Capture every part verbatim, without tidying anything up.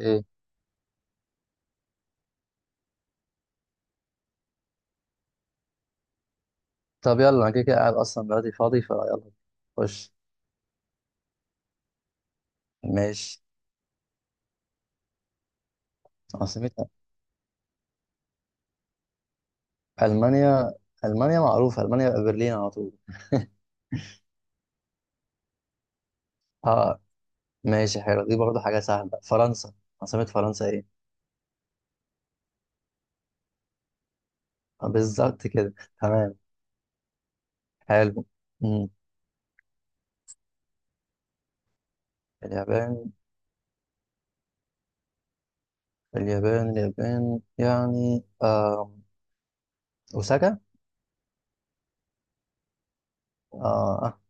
ايه، طب يلا انا كده كده قاعد اصلا دلوقتي فاضي فيلا. خش. ماشي. عاصمتها، المانيا، المانيا معروفه، المانيا يبقى برلين على طول. اه، ماشي، حلو، دي برضه حاجه سهله. فرنسا، عاصمه فرنسا ايه؟ آه، بالظبط كده. تمام. حلو. مم. اليابان اليابان اليابان يعني آه. اوساكا. اه آه،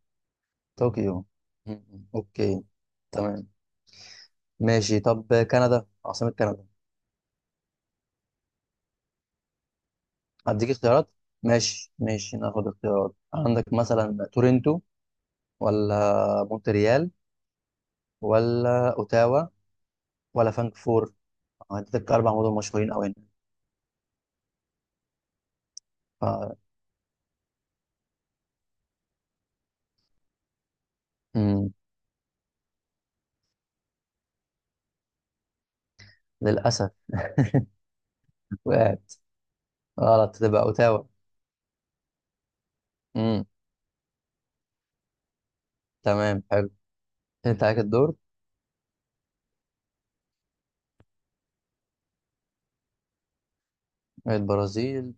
طوكيو. مم. اوكي. تمام. ماشي، طب كندا، عاصمه كندا؟ هديك اختيارات. مم. ماشي ماشي ناخد اختيارات. عندك مثلا تورنتو ولا مونتريال ولا اوتاوا ولا فانكفور. هديتك اربع مدن مشهورين قوي هنا. ف... مم. للاسف، وقعت. غلط، تبقى اوتاوا. مم. تمام حلو. انت عليك الدور. البرازيل.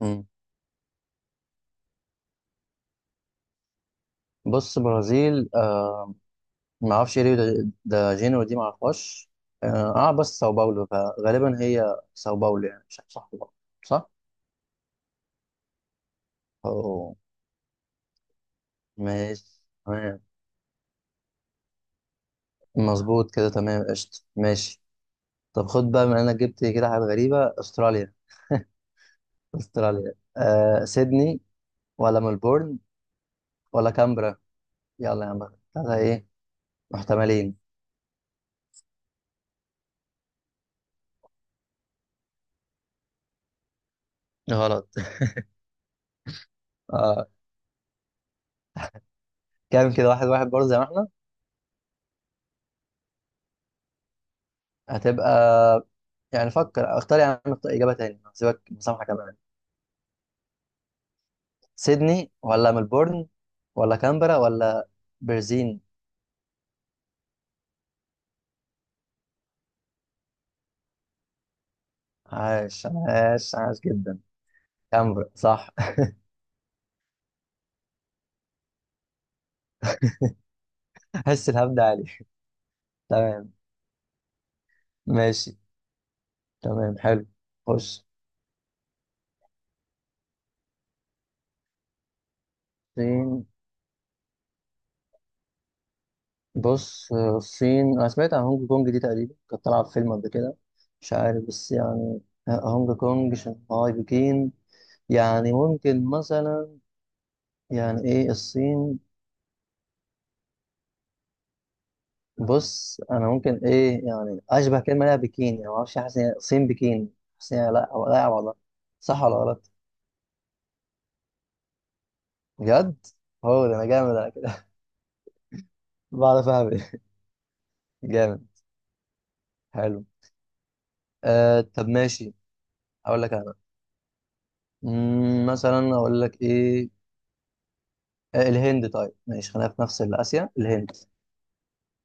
مم. بص برازيل آه ما اعرفش، ايه ريو ده, ده جينيرو دي، ما اعرفهاش. اه آه، بس ساو باولو، فغالبا هي ساو باولو، يعني مش عارف صح ولا غلط. صح؟ أوه. ماشي تمام، مظبوط كده تمام، قشطة ماشي. طب خد بقى، من انا جبت كده حاجات غريبة، استراليا. استراليا آه سيدني ولا ملبورن ولا كامبرا؟ يلا يا عم، ثلاثة ايه محتملين. غلط. اه، كام كده؟ واحد واحد برضه زي ما احنا. هتبقى، يعني فكر، اختار، يعني اختار اجابة تاني، هسيبك مسامحة كمان. سيدني ولا ملبورن ولا كامبرا ولا برزين؟ عاش عاش عاش جدا. كامبرا صح. حس الهبد عالي. تمام ماشي، تمام حلو. بص. الصين. بص آه، الصين، انا سمعت عن هونج كونج دي، تقريبا كانت طالعه في فيلم قبل كده، مش عارف بس يعني، آه، هونج كونج شنغهاي بكين، يعني ممكن مثلا، يعني ايه الصين. بص انا ممكن ايه، يعني اشبه كلمه ليها بكين، يعني ما اعرفش، حاسس إن هي الصين بكين، حاسس إن هي، لا لا والله. صح ولا غلط؟ بجد. هو ده، انا جامد على كده. بعرف اعمل إيه. جامد. حلو. آه طب ماشي، اقول لك انا، مم، مثلا اقول لك ايه، آه، الهند، طيب ماشي خلينا في نفس آسيا، الهند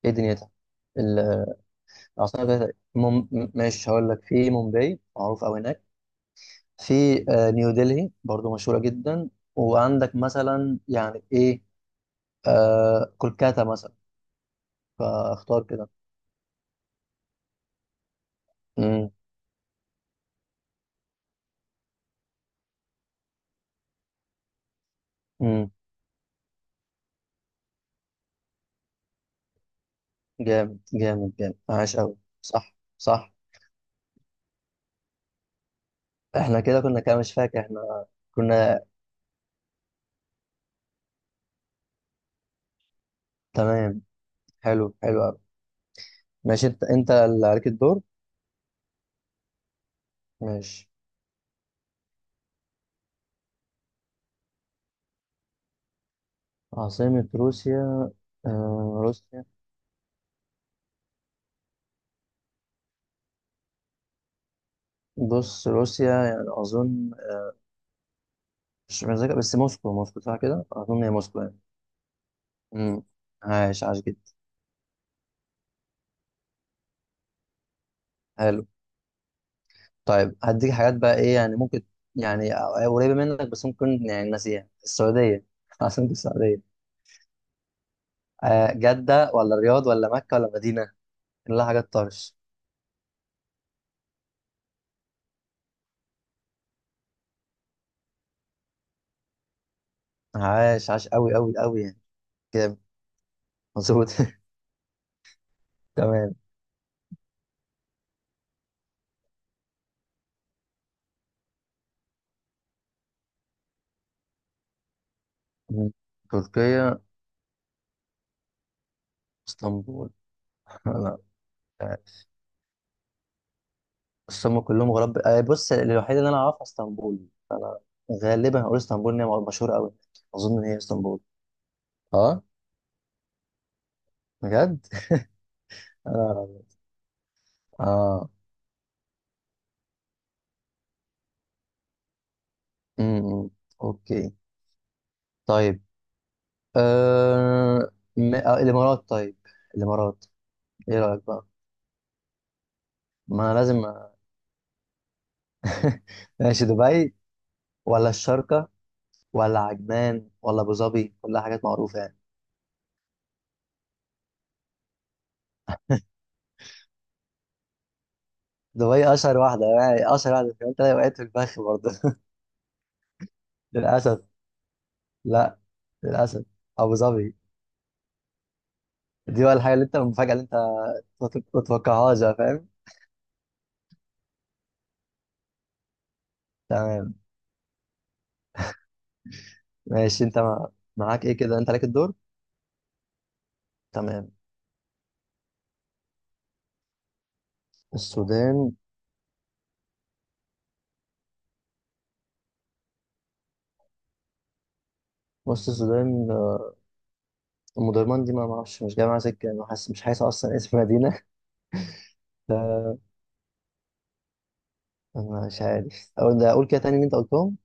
ايه دنيتها؟ ال- العاصمة بتاعتها إيه؟ مم... ماشي هقول لك، في مومباي، معروف أوي هناك، في آه، نيو دلهي برضو مشهورة جدا، وعندك مثلا يعني ايه، آه... كولكاتا مثلا. فاختار كده. امم. امم. جامد جامد جامد، عاش أوي. صح صح. احنا كده كنا كده، مش فاكر احنا كنا. تمام، حلو حلو أوي. ماشي، انت انت اللي عليك الدور. ماشي. عاصمة روسيا. آه روسيا، بص روسيا يعني أظن، مش متذكر، بس موسكو، موسكو صح كده، أظن هي موسكو يعني. امم. عاش عاش جدا. حلو. طيب هديك حاجات بقى، إيه يعني ممكن، يعني قريبة منك، بس ممكن يعني ناسيها، السعودية. عاصمة السعودية؟ آه جدة ولا الرياض ولا مكة ولا مدينة، كلها حاجات طرش. عاش عاش أوي أوي أوي يعني، كده مظبوط. تمام. مم. تركيا، اسطنبول. لا، بس هم كلهم غراب، آه، بص الوحيدة اللي أنا أعرفها اسطنبول، فأنا غالبا هقول اسطنبول، إن هي مشهورة أوي، أظن إن هي اسطنبول. اه، بجد؟ أنا، اه، امم، اوكي، طيب. آه... م... آه... الامارات، طيب الامارات. ايه رايك بقى، ما لازم أ- ماشي، دبي ولا الشارقه ولا عجمان ولا ابو ظبي، كلها حاجات معروفه يعني. دبي اشهر واحده، يعني اشهر واحده، انت وقعت في الفخ برضه. للاسف. لا، للاسف، ابو ظبي. دي، ولا الحاجة اللي انت، المفاجأة اللي انت ما تتوقعهاش بقى، فاهم. تمام ماشي، انت مع... معاك ايه كده، انت عليك الدور. تمام. السودان. بص السودان، آه، ام درمان دي، ما ما اعرفش، مش جاي معاها سكة، انا حاسس، مش حاسس اصلا اسم مدينة. انا مش عارف اقول ده، اقول كده تاني اللي انت قلتهم.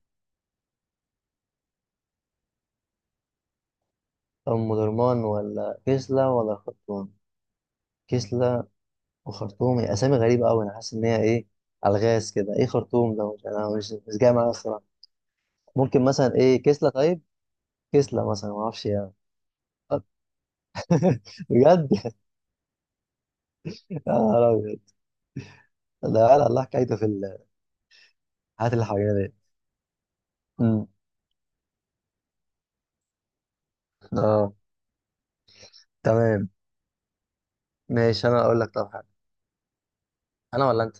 ام درمان ولا كسلا ولا خرطوم. كسلا وخرطوم، هي اسامي غريبة قوي، انا حاسس ان هي ايه، الغاز كده، ايه خرطوم ده، مش انا مش مش جاي معايا الصراحة. ممكن مثلا ايه كسلا طيب، كسلا مثلا ما اعرفش يعني. بجد. يا نهار ابيض. ده قال الله حكايته في ال- الحاجات اللي حوالينا دي. أمم. اه تمام. ماشي انا اقول لك طب حاجه. انا ولا انت؟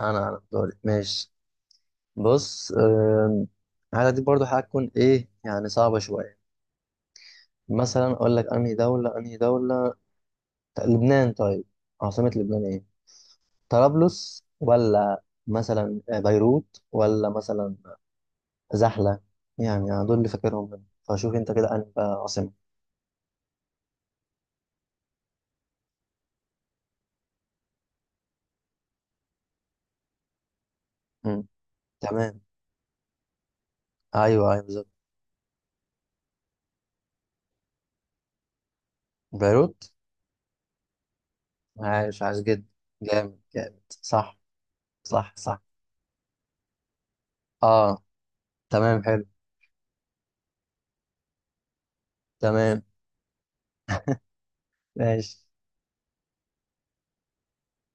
انا انا دوري، ماشي. بص أم، الحاجه دي برضو هتكون ايه، يعني صعبه شويه. مثلا اقول لك انهي دوله، انهي دوله، لبنان. طيب عاصمه لبنان ايه؟ طرابلس ولا مثلا آه، بيروت ولا مثلا زحله. يعني دول اللي فاكرهم منهم، فشوف انت كده انهي بقى عاصمه. أمم. تمام. ايوه ايوه بالظبط. بيروت. عايش عايش جدا، جامد جامد، صح. صح صح. اه، تمام حلو. تمام ماشي،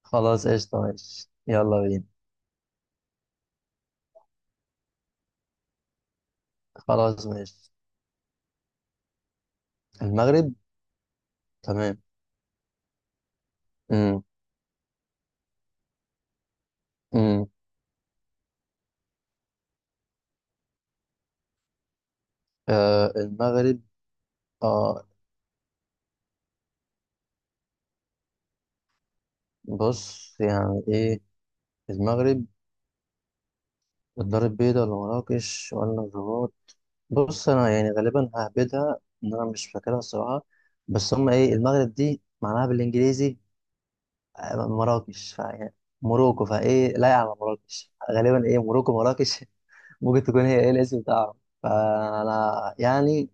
خلاص قشطة، ماشي يلا بينا. خلاص، ماشي. المغرب. تمام. امم. امم. آه المغرب. اه، بص يعني ايه المغرب، الدار البيضاء ولا مراكش ولا الرباط. بص انا يعني غالبا ههبدها، ان انا مش فاكرها الصراحة، بس هما ايه، المغرب دي معناها بالانجليزي مراكش، فيعني موروكو، فايه لايقة على مراكش، غالبا ايه موروكو مراكش. ممكن تكون هي ايه الاسم بتاعهم، فانا يعني،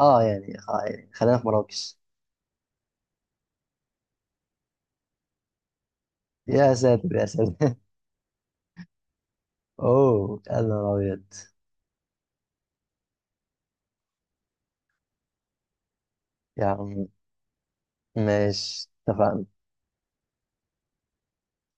اه يعني, خ- يعني خلينا في مراكش. يا ساتر يا ساتر. اوه يا نهار ابيض. يا عم، ماشي اتفقنا.